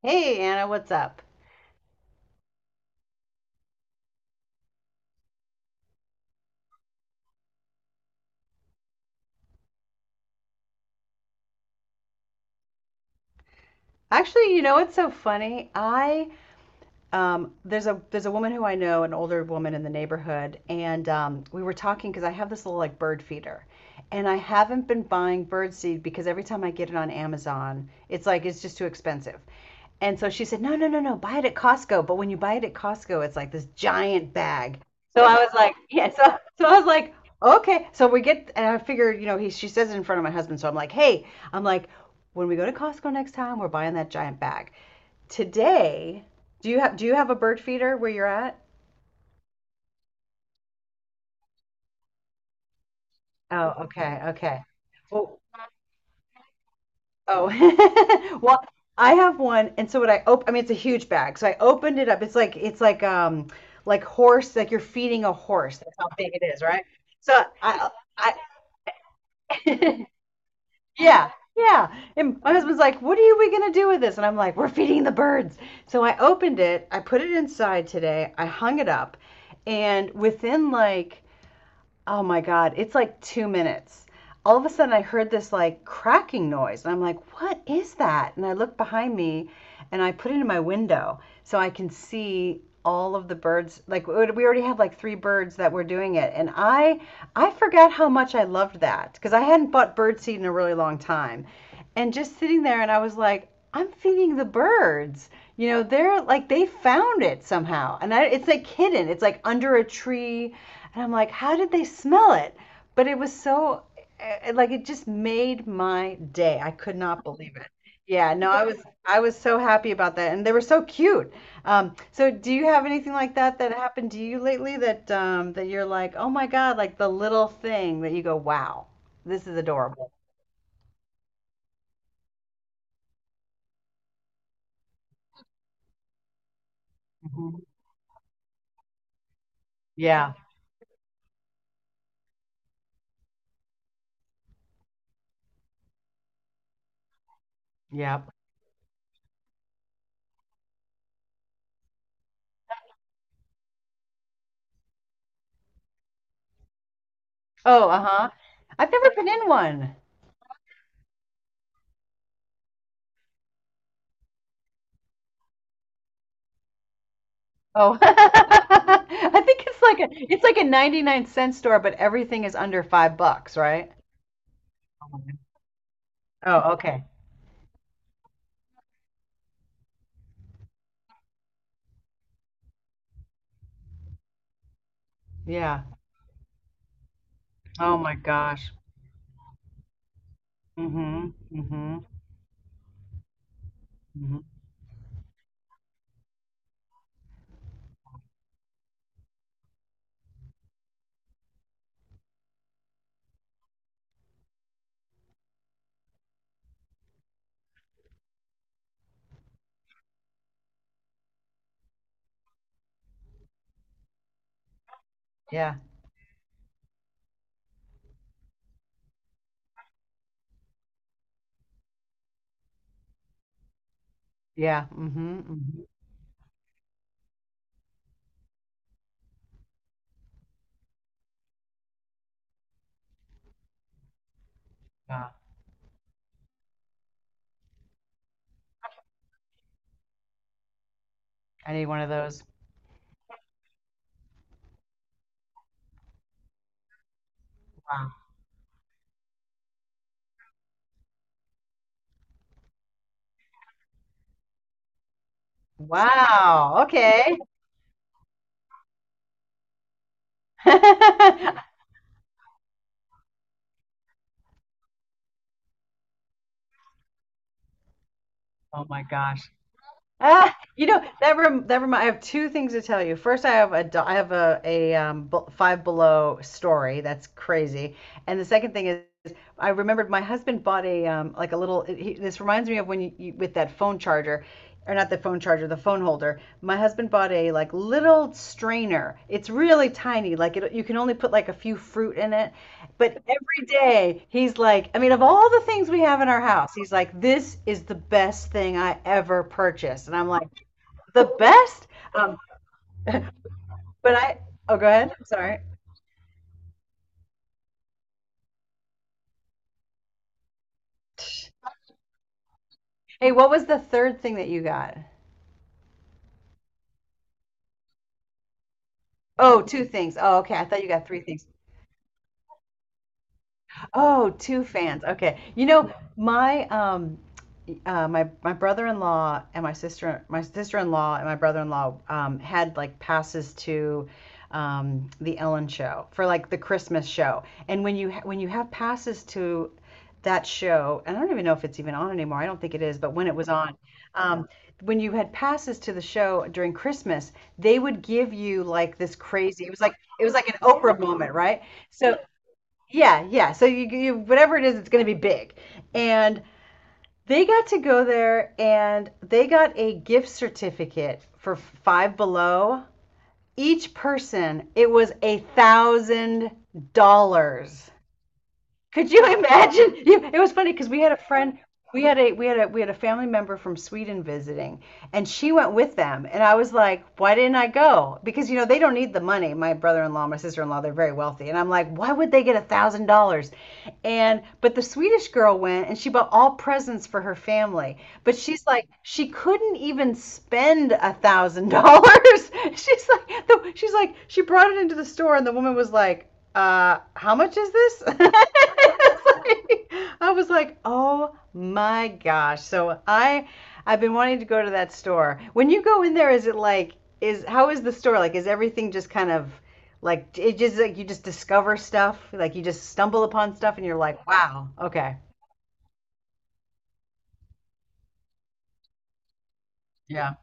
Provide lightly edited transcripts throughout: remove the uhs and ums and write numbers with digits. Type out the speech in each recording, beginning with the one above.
Hey Anna, what's up? Actually, you know what's so funny? I there's a woman who I know, an older woman in the neighborhood, and we were talking because I have this little like bird feeder, and I haven't been buying bird seed because every time I get it on Amazon, it's just too expensive. And so she said, no, no, no, no, buy it at Costco. But when you buy it at Costco, it's like this giant bag. So I was like, yeah. So I was like, okay. So we get, and I figured, you know, she says it in front of my husband. So I'm like, hey, I'm like, when we go to Costco next time, we're buying that giant bag. Today, do you have a bird feeder where you're at? Oh, okay. Okay. Well, oh, well, I have one, and so what I op I mean, it's a huge bag. So I opened it up. It's like horse, like you're feeding a horse. That's how big it is, right? So I I yeah. Yeah. And my husband's like, "What are you- we going to do with this?" And I'm like, "We're feeding the birds." So I opened it, I put it inside today, I hung it up, and within like oh my God, it's like 2 minutes. All of a sudden, I heard this like cracking noise, and I'm like, what is that? And I look behind me and I put it in my window so I can see all of the birds. We had like three birds that were doing it, and I forgot how much I loved that because I hadn't bought bird seed in a really long time and just sitting there. And I was like, I'm feeding the birds. You know, they're like they found it somehow, and it's like hidden, it's like under a tree, and I'm like, how did they smell it? But it was so, like, it just made my day. I could not believe it. Yeah, no, I was I was so happy about that, and they were so cute. So do you have anything like that that happened to you lately, that that you're like, oh my God, like the little thing that you go, wow, this is adorable? Mhm. Yeah, yeah. Oh, uh-huh. I've never been in one. Oh, I think it's like a 99 cent store, but everything is under $5, right? Oh, my- oh, okay. Yeah. Oh my gosh. Mm-hmm. Mm-hmm. Hmm. Yeah. Yeah. Mm-hmm. Mm-hmm. Wow. I need one of those. Wow. Wow. Okay. Oh my gosh. Ah, you know that rem that remind. I have two things to tell you. First, I have I have a Five Below story that's crazy, and the second thing is I remembered my husband bought a like a little. This reminds me of when you with that phone charger, or not the phone charger, the phone holder. My husband bought a like little strainer. It's really tiny. You can only put like a few fruit in it, but every day he's like, I mean, of all the things we have in our house, he's like, this is the best thing I ever purchased. And I'm like, the best? Um, but I, oh, go ahead. I'm sorry. Hey, what was the third thing that you got? Oh, two things. Oh, okay. I thought you got three things. Oh, two fans. Okay. You know, yeah. My my brother-in-law and my sister-in-law and my brother-in-law had like passes to the Ellen show for like the Christmas show. And when you have passes to that show, and I don't even know if it's even on anymore. I don't think it is, but when it was on, um when you had passes to the show during Christmas, they would give you like this crazy. It was like an Oprah moment, right? So yeah, yeah. So you whatever it is, it's going to be big. And they got to go there and they got a gift certificate for Five Below. Each person, it was $1,000. Could you imagine? It was funny because we had a friend, we had a we had a family member from Sweden visiting, and she went with them. And I was like, why didn't I go? Because you know they don't need the money. My brother-in-law, my sister-in-law, they're very wealthy, and I'm like, why would they get $1,000? And but the Swedish girl went, and she bought all presents for her family. But she's like, she couldn't even spend $1,000. She's like, she's like, she brought it into the store, and the woman was like how much is this? Like, I was like, oh my gosh. So I've been wanting to go to that store. When you go in there, is it like is how is the store like? Is everything just kind of like it just like you just discover stuff, like you just stumble upon stuff and you're like, wow, okay? Yeah.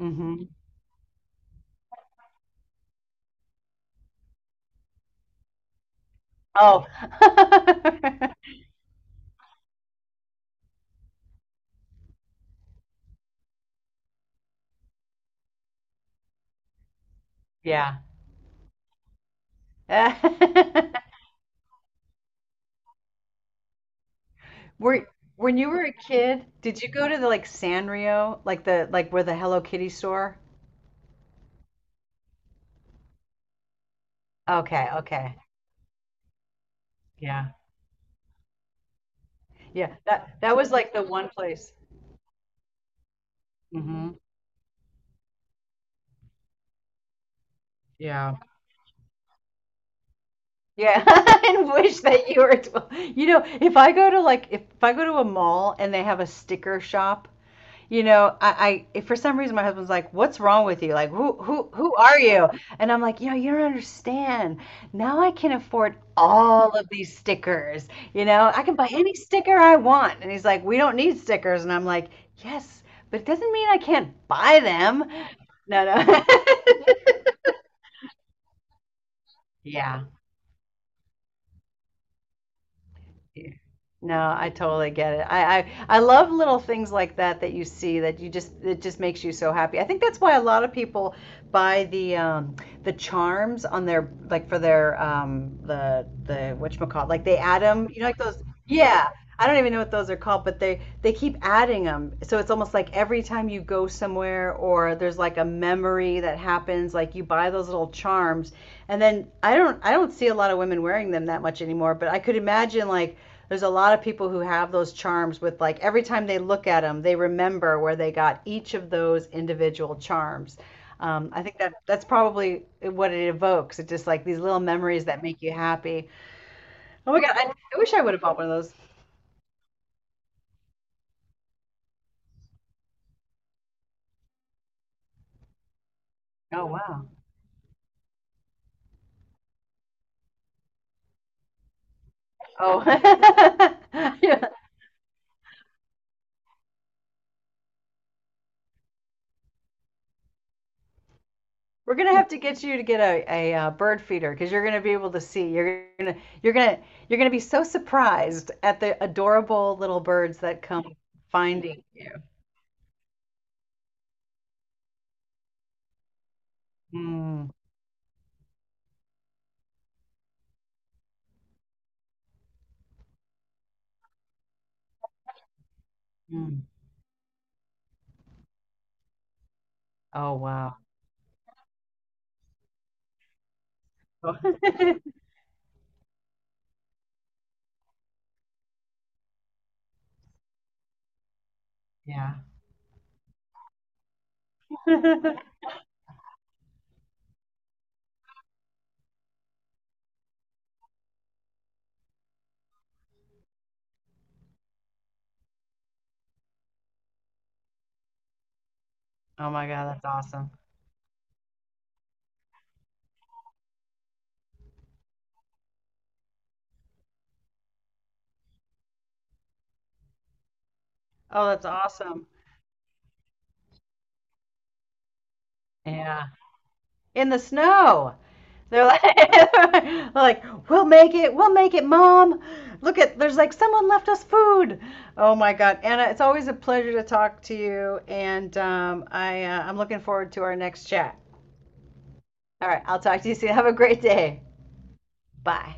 Mm-hmm. Oh. Yeah. Were when you were a kid, did you go to the like Sanrio, like the like where the Hello Kitty store? Okay, okay. Yeah. Yeah, that that was like the one place. Hmm. Yeah. Yeah, and wish that you were 12. You know, if I go to like if I go to a mall and they have a sticker shop, you know, I for some reason my husband's like, "What's wrong with you? Like, who are you?" And I'm like, "You know, you don't understand. Now I can afford all of these stickers. You know, I can buy any sticker I want." And he's like, "We don't need stickers." And I'm like, "Yes, but it doesn't mean I can't buy them." No, no. Yeah. Yeah. No, I totally get it. I love little things like that that you see that you just it just makes you so happy. I think that's why a lot of people buy the charms on their like for their the whatchamacallit, like they add them. You know, like those. Yeah, I don't even know what those are called, but they keep adding them. So it's almost like every time you go somewhere or there's like a memory that happens, like you buy those little charms, and then I don't see a lot of women wearing them that much anymore. But I could imagine like there's a lot of people who have those charms with like every time they look at them, they remember where they got each of those individual charms. I think that that's probably what it evokes. It's just like these little memories that make you happy. Oh my God, I wish I would have bought one of those. Oh wow. Oh, yeah. We're gonna have to get you to get bird feeder because you're gonna be able to see. You're gonna you're gonna you're gonna be so surprised at the adorable little birds that come finding you. Mm, mm. Oh, wow. Yeah. Oh my God, that's awesome. Oh, that's awesome. Yeah. In the snow. They're like, like, we'll make it, Mom. Look at, there's like someone left us food. Oh my God, Anna, it's always a pleasure to talk to you, and I I'm looking forward to our next chat. All right, I'll talk to you soon. Have a great day. Bye.